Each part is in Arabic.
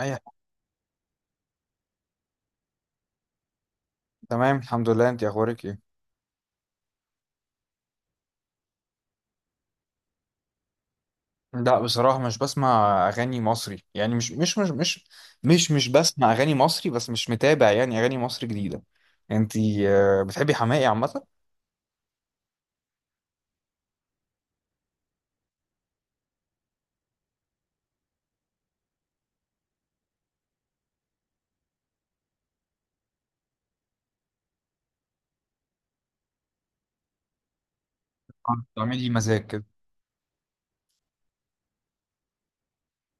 اي. تمام الحمد لله، انت اخبارك ايه؟ لا بصراحه مش بسمع اغاني مصري، يعني مش بسمع اغاني مصري، بس مش متابع يعني اغاني مصري جديده. انت؟ بتحبي حماقي عامه؟ بتعملي مزاج كده؟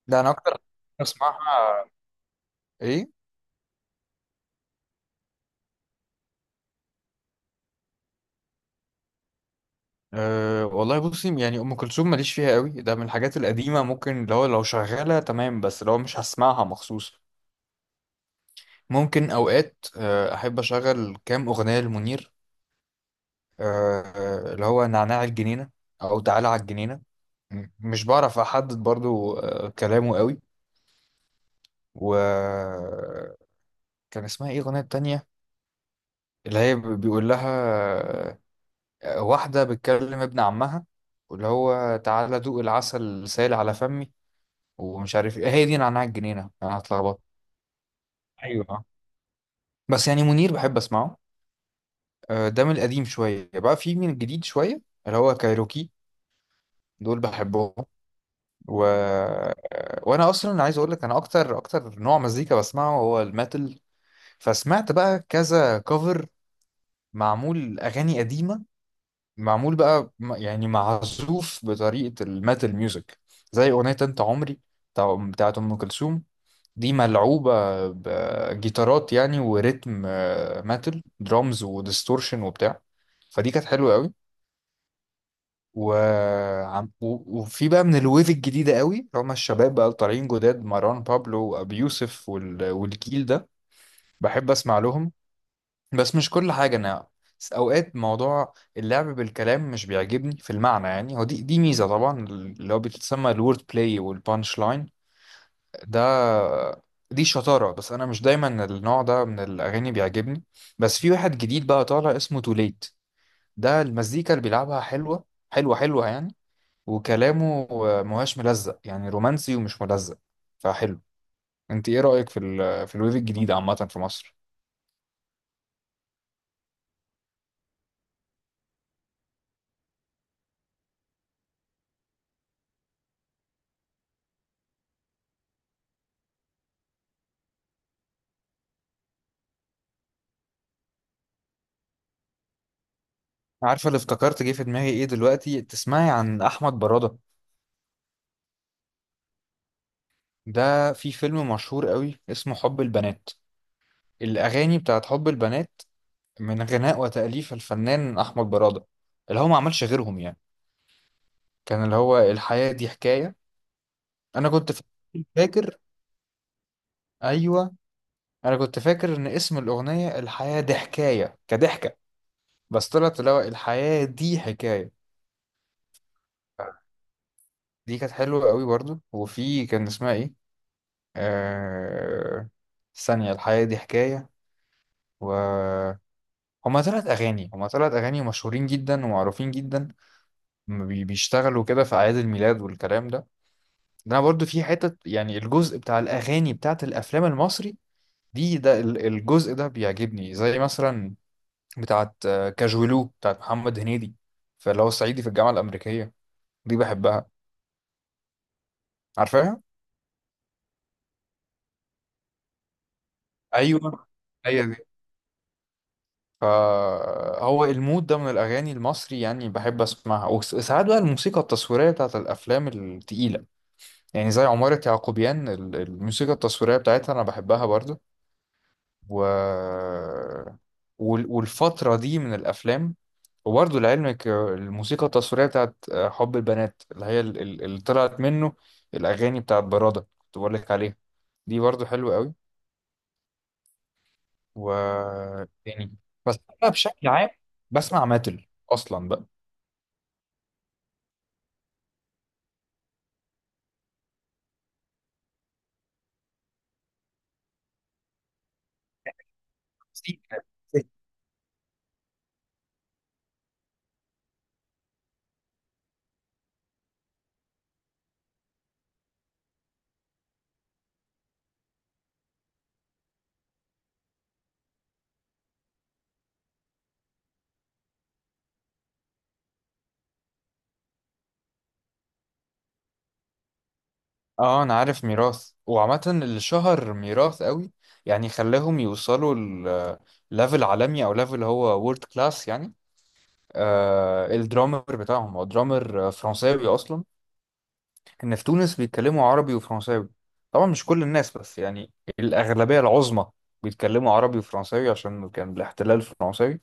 ده انا اكتر بسمعها. ايه؟ أه والله بصي، يعني ام كلثوم ماليش فيها قوي، ده من الحاجات القديمه، ممكن اللي هو لو شغاله تمام، بس لو مش، هسمعها مخصوص. ممكن اوقات احب اشغل كام اغنيه لمنير، اللي هو نعناع الجنينة أو تعالى على الجنينة. مش بعرف أحدد برضو، كلامه قوي. وكان اسمها إيه الأغنية التانية اللي هي بيقول لها، واحدة بتكلم ابن عمها، واللي هو تعالى دوق العسل سائل على فمي. ومش عارف إيه هي دي نعناع الجنينة، أنا هتلخبط. أيوة آه. بس يعني منير بحب أسمعه، ده من القديم شوية، بقى في من الجديد شوية اللي هو كايروكي، دول بحبهم. و... وانا اصلا عايز اقول لك، انا اكتر اكتر نوع مزيكا بسمعه هو الميتال. فسمعت بقى كذا كفر، معمول اغاني قديمه، معمول بقى يعني معزوف بطريقه الميتال ميوزك، زي اغنيه انت عمري بتاعت ام كلثوم. دي ملعوبه بجيتارات يعني وريتم ميتال درامز وديستورشن وبتاع، فدي كانت حلوه قوي. وفي بقى من الويف الجديدة قوي اللي هما الشباب بقى اللي طالعين جداد، مروان بابلو وأبي يوسف والجيل ده بحب أسمع لهم. بس مش كل حاجة أنا، أوقات موضوع اللعب بالكلام مش بيعجبني في المعنى، يعني هو دي ميزة طبعا اللي هو بتسمى الورد بلاي والبانش لاين، ده دي شطارة، بس أنا مش دايما النوع ده من الأغاني بيعجبني. بس في واحد جديد بقى طالع اسمه توليت، ده المزيكا اللي بيلعبها حلوة، حلوة حلوة يعني، وكلامه مهاش ملزق، يعني رومانسي ومش ملزق فحلو. انت ايه رأيك في في الويف الجديد عامة في مصر؟ عارفة اللي افتكرت جه في دماغي ايه دلوقتي؟ تسمعي عن احمد برادة؟ ده في فيلم مشهور قوي اسمه حب البنات، الاغاني بتاعت حب البنات، من غناء وتأليف الفنان احمد برادة، اللي هو ما عملش غيرهم يعني. كان اللي هو الحياة دي حكاية. انا كنت فاكر. ايوه، انا كنت فاكر ان اسم الاغنية الحياة دي حكاية كضحكة، بس طلعت اللي هو الحياة دي حكاية. دي كانت حلوة قوي برضو، وفي كان اسمها ايه، آه... ثانية الحياة دي حكاية. و هما تلات أغاني، هما تلات أغاني مشهورين جدا ومعروفين جدا، هما بيشتغلوا كده في أعياد الميلاد والكلام ده. ده أنا برضو في حتة يعني الجزء بتاع الأغاني بتاعت الأفلام المصري دي، ده الجزء ده بيعجبني، زي مثلا بتاعت كاجولو بتاعت محمد هنيدي، فاللي هو صعيدي في الجامعة الأمريكية، دي بحبها. عارفاها؟ ايوه، هي دي. فهو المود ده من الاغاني المصري يعني بحب اسمعها، وساعات بقى الموسيقى التصويريه بتاعت الافلام التقيله، يعني زي عمارة يعقوبيان، الموسيقى التصويريه بتاعتها انا بحبها برضو. و... والفتره دي من الافلام. وبرضو لعلمك الموسيقى التصويريه بتاعت حب البنات اللي هي اللي طلعت منه الاغاني بتاعت برادة كنت بقول لك عليها، دي برضو حلوه قوي. و تاني، بس انا بشكل عام بسمع ماتل اصلا بقى. سي- اه انا عارف ميراث، وعامة اللي شهر ميراث قوي يعني خلاهم يوصلوا ليفل عالمي، او ليفل هو وورد كلاس يعني، الدرامر بتاعهم هو درامر فرنساوي اصلا. ان في تونس بيتكلموا عربي وفرنساوي، طبعا مش كل الناس بس يعني الاغلبية العظمى بيتكلموا عربي وفرنساوي عشان كان الاحتلال فرنساوي.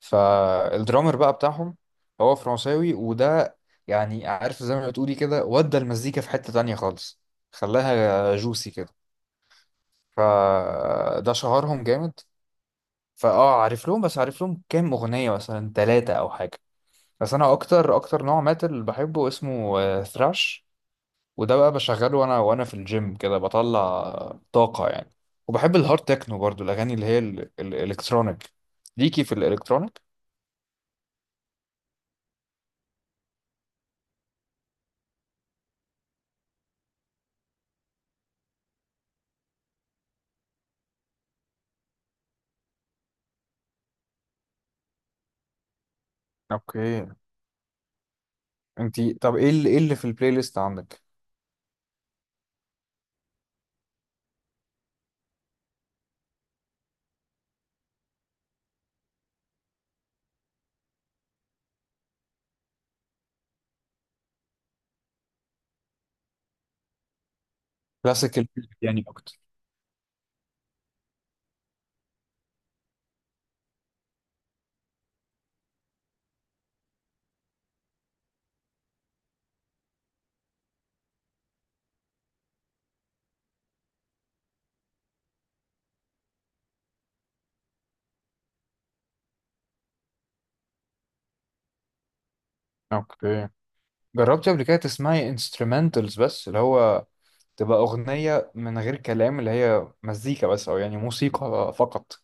فالدرامر بقى بتاعهم هو فرنساوي، وده يعني عارف زي ما بتقولي كده، ودى المزيكا في حتة تانية خالص، خلاها جوسي كده، فده شهرهم جامد. فاه عارف لهم، بس عارف لهم كام أغنية مثلا ثلاثة أو حاجة. بس أنا أكتر أكتر نوع ماتل بحبه اسمه ثراش، وده بقى بشغله وأنا في الجيم كده، بطلع طاقة يعني. وبحب الهارد تكنو برضو، الأغاني اللي هي الإلكترونيك. ليكي في الإلكترونيك؟ اوكي. انت طب ايه اللي، ايه اللي في البلاي ليست عندك؟ كلاسيكال يعني اكتر؟ اوكي. جربتي قبل كده تسمعي انسترومنتالز، بس اللي هو تبقى اغنيه من غير كلام، اللي هي مزيكا بس او يعني موسيقى فقط؟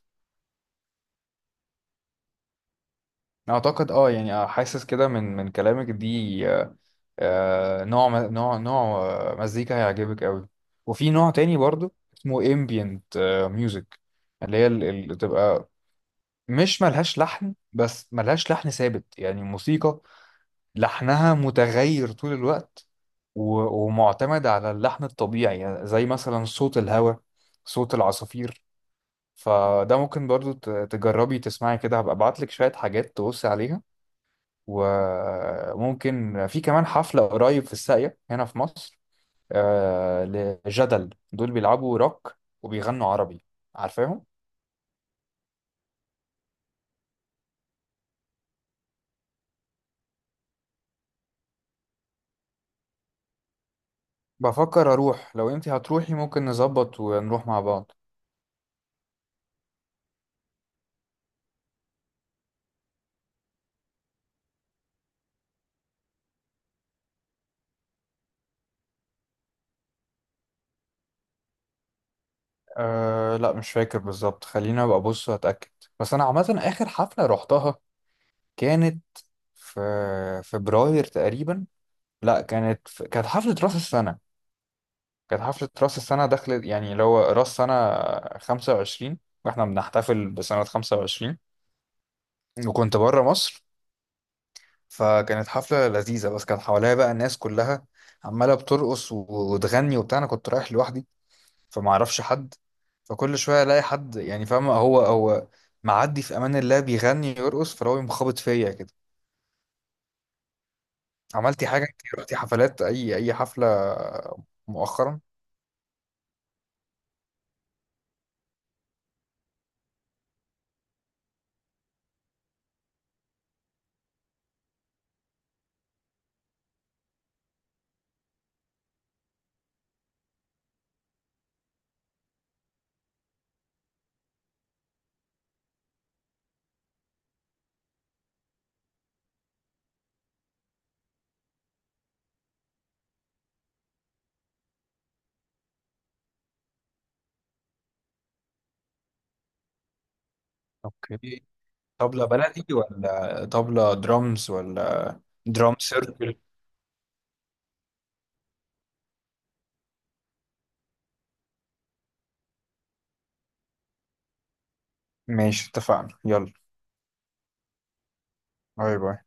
اعتقد اه يعني، حاسس كده من كلامك دي، نوع نوع مزيكا هيعجبك قوي. وفي نوع تاني برضو اسمه ambient music، اللي هي اللي تبقى مش ملهاش لحن، بس ملهاش لحن ثابت، يعني موسيقى لحمها متغير طول الوقت، ومعتمد على اللحن الطبيعي، يعني زي مثلا صوت الهواء، صوت العصافير. فده ممكن برضو تجربي تسمعي كده، هبقى ابعتلك شوية حاجات تبصي عليها. وممكن في كمان حفلة قريب في الساقية هنا في مصر، آه، لجدل، دول بيلعبوا روك وبيغنوا عربي. عارفاهم؟ بفكر اروح، لو انتي هتروحي ممكن نظبط ونروح مع بعض. أه لا مش فاكر بالظبط، خلينا ابقى ابص واتاكد. بس انا عامه اخر حفله روحتها كانت في فبراير تقريبا. لا، كانت حفله راس السنه، كانت حفله راس السنه، دخلت يعني اللي هو راس سنه 25، واحنا بنحتفل بسنه 25 وكنت بره مصر. فكانت حفله لذيذه، بس كان حواليا بقى الناس كلها عماله بترقص وتغني وبتاع، انا كنت رايح لوحدي فما اعرفش حد، فكل شويه الاقي حد يعني فاهم هو معدي في امان الله، بيغني يرقص فلو يقوم خابط فيا كده. عملتي حاجه انت، رحتي حفلات، اي حفله مؤخرا؟ اوكي. طبلة بلدي ولا طبلة درامز ولا درام سيركل؟ ماشي اتفقنا، يلا، باي باي.